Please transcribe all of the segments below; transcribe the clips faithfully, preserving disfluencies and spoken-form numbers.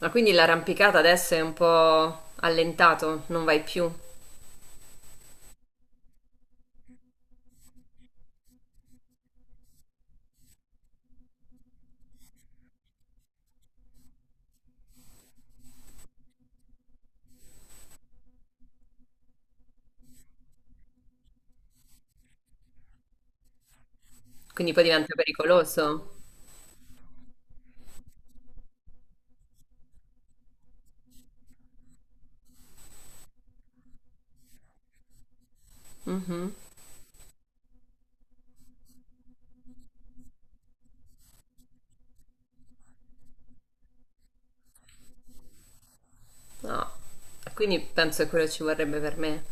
Ma quindi l'arrampicata adesso è un po' allentato, non vai più, quindi poi diventa pericoloso. Mhm. No. Quindi penso che quello ci vorrebbe per me.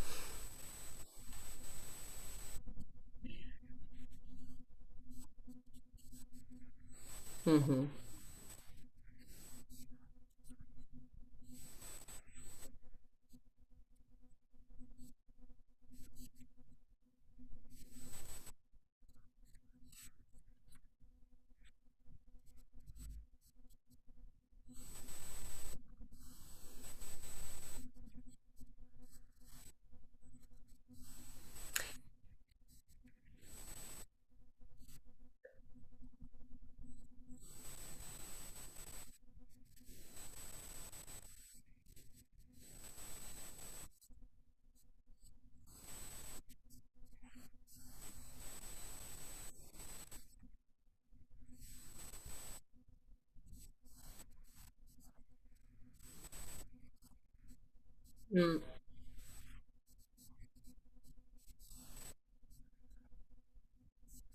Mhm. Mm,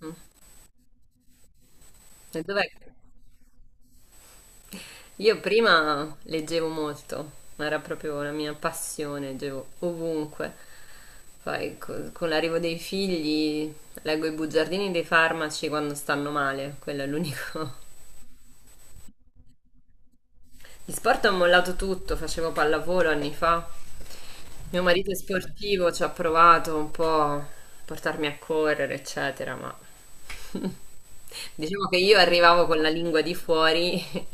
mm. E dov'è? che- Io prima leggevo molto, era proprio la mia passione, leggevo ovunque. Poi co- con l'arrivo dei figli leggo i bugiardini dei farmaci quando stanno male, quello è l'unico. Gli sport ho mollato tutto, facevo pallavolo anni fa. Mio marito è sportivo, ci ha provato un po' a portarmi a correre, eccetera, ma diciamo che io arrivavo con la lingua di fuori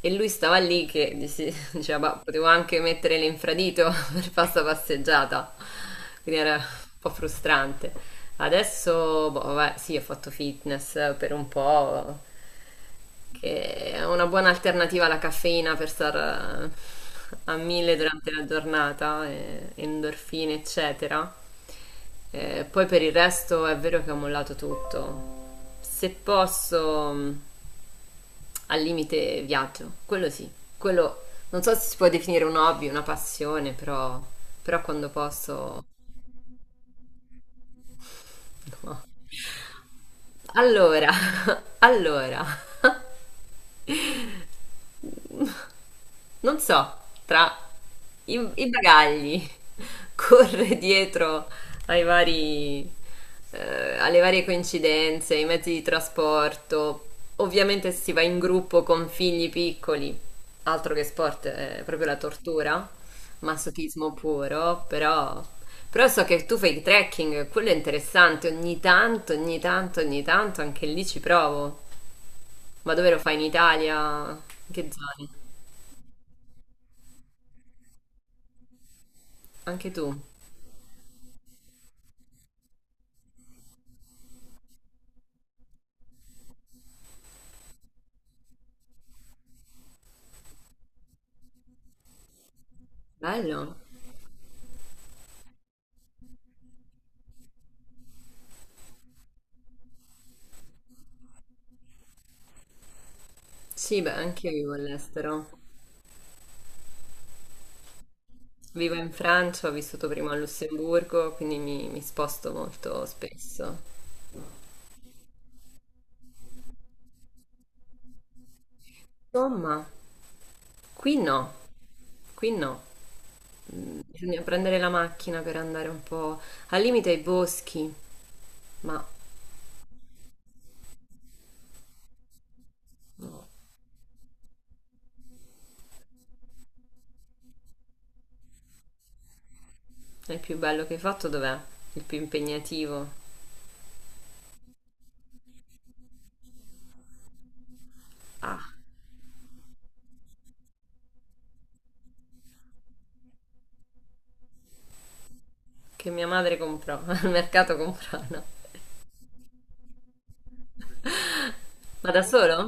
e lui stava lì che gli si- diceva, "Bah, potevo anche mettere l'infradito per fare sta passeggiata." Quindi era un po' frustrante. Adesso, boh, vabbè, sì, ho fatto fitness per un po', che è una buona alternativa alla caffeina per stare a mille durante la giornata, eh, endorfine, eccetera. Eh, poi per il resto è vero che ho mollato tutto. Se posso, mh, al limite viaggio, quello sì, quello non so se si può definire un hobby, una passione, però, però quando posso... No. Allora, allora. Non so, tra i, i bagagli, corre dietro ai vari, eh, alle varie coincidenze, ai mezzi di trasporto. Ovviamente se si va in gruppo con figli piccoli, altro che sport, è proprio la tortura, masochismo puro, però, però so che tu fai trekking, quello è interessante, ogni tanto, ogni tanto, ogni tanto, anche lì ci provo. Ma dove lo fai in Italia? In che zone? Anche tu? Bello. Sì, beh, anche io vivo all'estero. Vivo in Francia, ho vissuto prima a Lussemburgo, quindi mi, mi sposto molto spesso. Insomma, qui no, qui no. Mm, bisogna prendere la macchina per andare un po' al limite ai boschi, ma no. È il più bello che hai fatto dov'è? Il più impegnativo? Ah, che mia madre comprò, al mercato comprano. Ma da solo?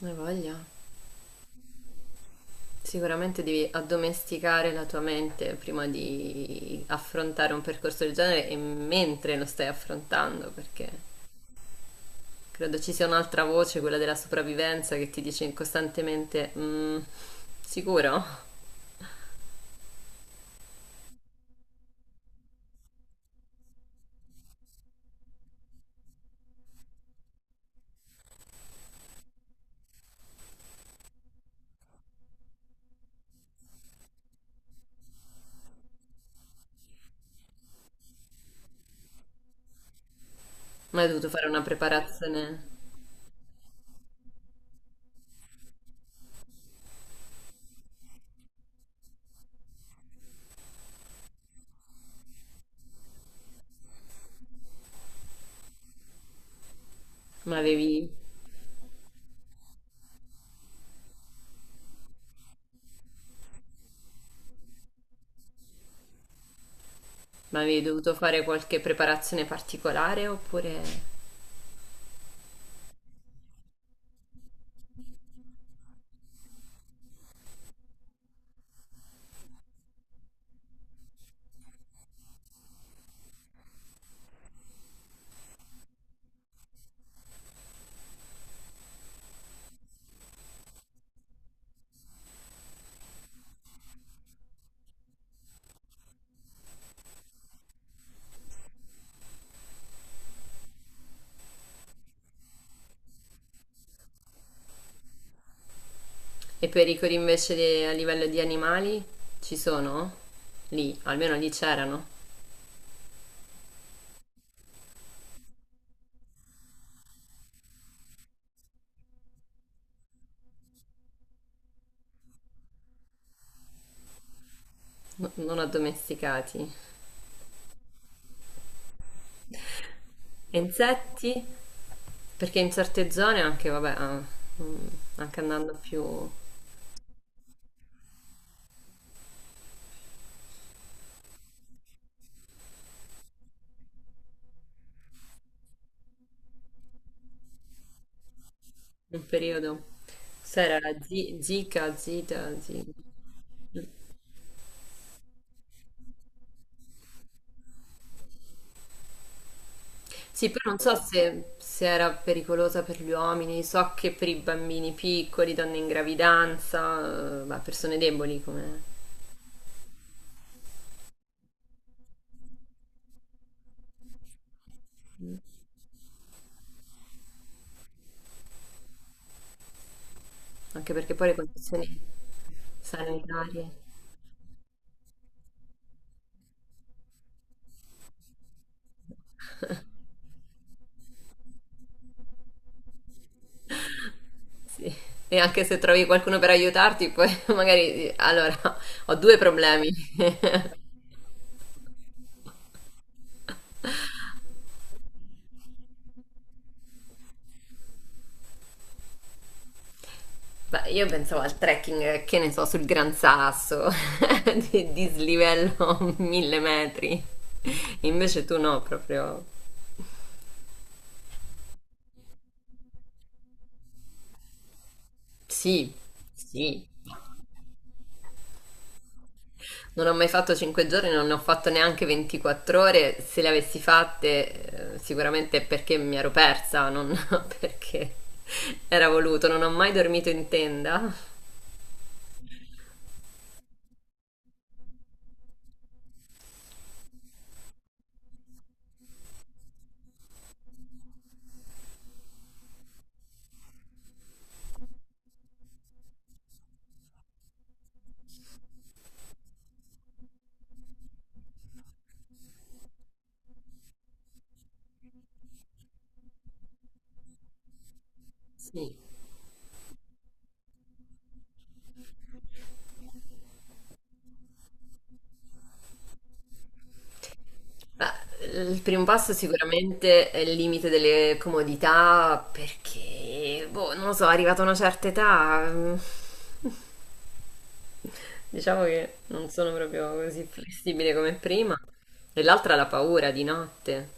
Non voglia. Sicuramente devi addomesticare la tua mente prima di affrontare un percorso del genere e mentre lo stai affrontando, perché credo ci sia un'altra voce, quella della sopravvivenza, che ti dice costantemente, "Mm, sicuro?" Ma hai dovuto fare una preparazione? Ma avevi, ma avevi dovuto fare qualche preparazione particolare oppure... E pericoli invece de- a livello di animali ci sono? Lì, almeno lì c'erano, no- non addomesticati. E insetti? Perché in certe zone anche, vabbè, ah, mm, anche andando più in un periodo, se era la zi- zika, zita, zi- Sì, poi non so se, se era pericolosa per gli uomini, so che per i bambini piccoli, donne in gravidanza, eh, ma persone deboli, come... anche perché poi le condizioni sanitarie, sì. E anche se trovi qualcuno per aiutarti, poi magari... Allora, ho due problemi. Beh, io pensavo al trekking, eh, che ne so, sul Gran Sasso, di dislivello mille metri. Invece tu no, proprio. Sì, sì. Non ho mai fatto cinque giorni, non ne ho fatto neanche ventiquattro ore. Se le avessi fatte, eh, sicuramente è perché mi ero persa, non perché era voluto. Non ho mai dormito in tenda. Sì. Beh, il primo passo sicuramente è il limite delle comodità perché, boh, non lo so, arrivata a una certa età, mm, diciamo che non sono proprio così flessibile come prima. E l'altra è la paura di notte.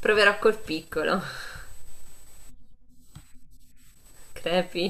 Proverò col piccolo. Crepi.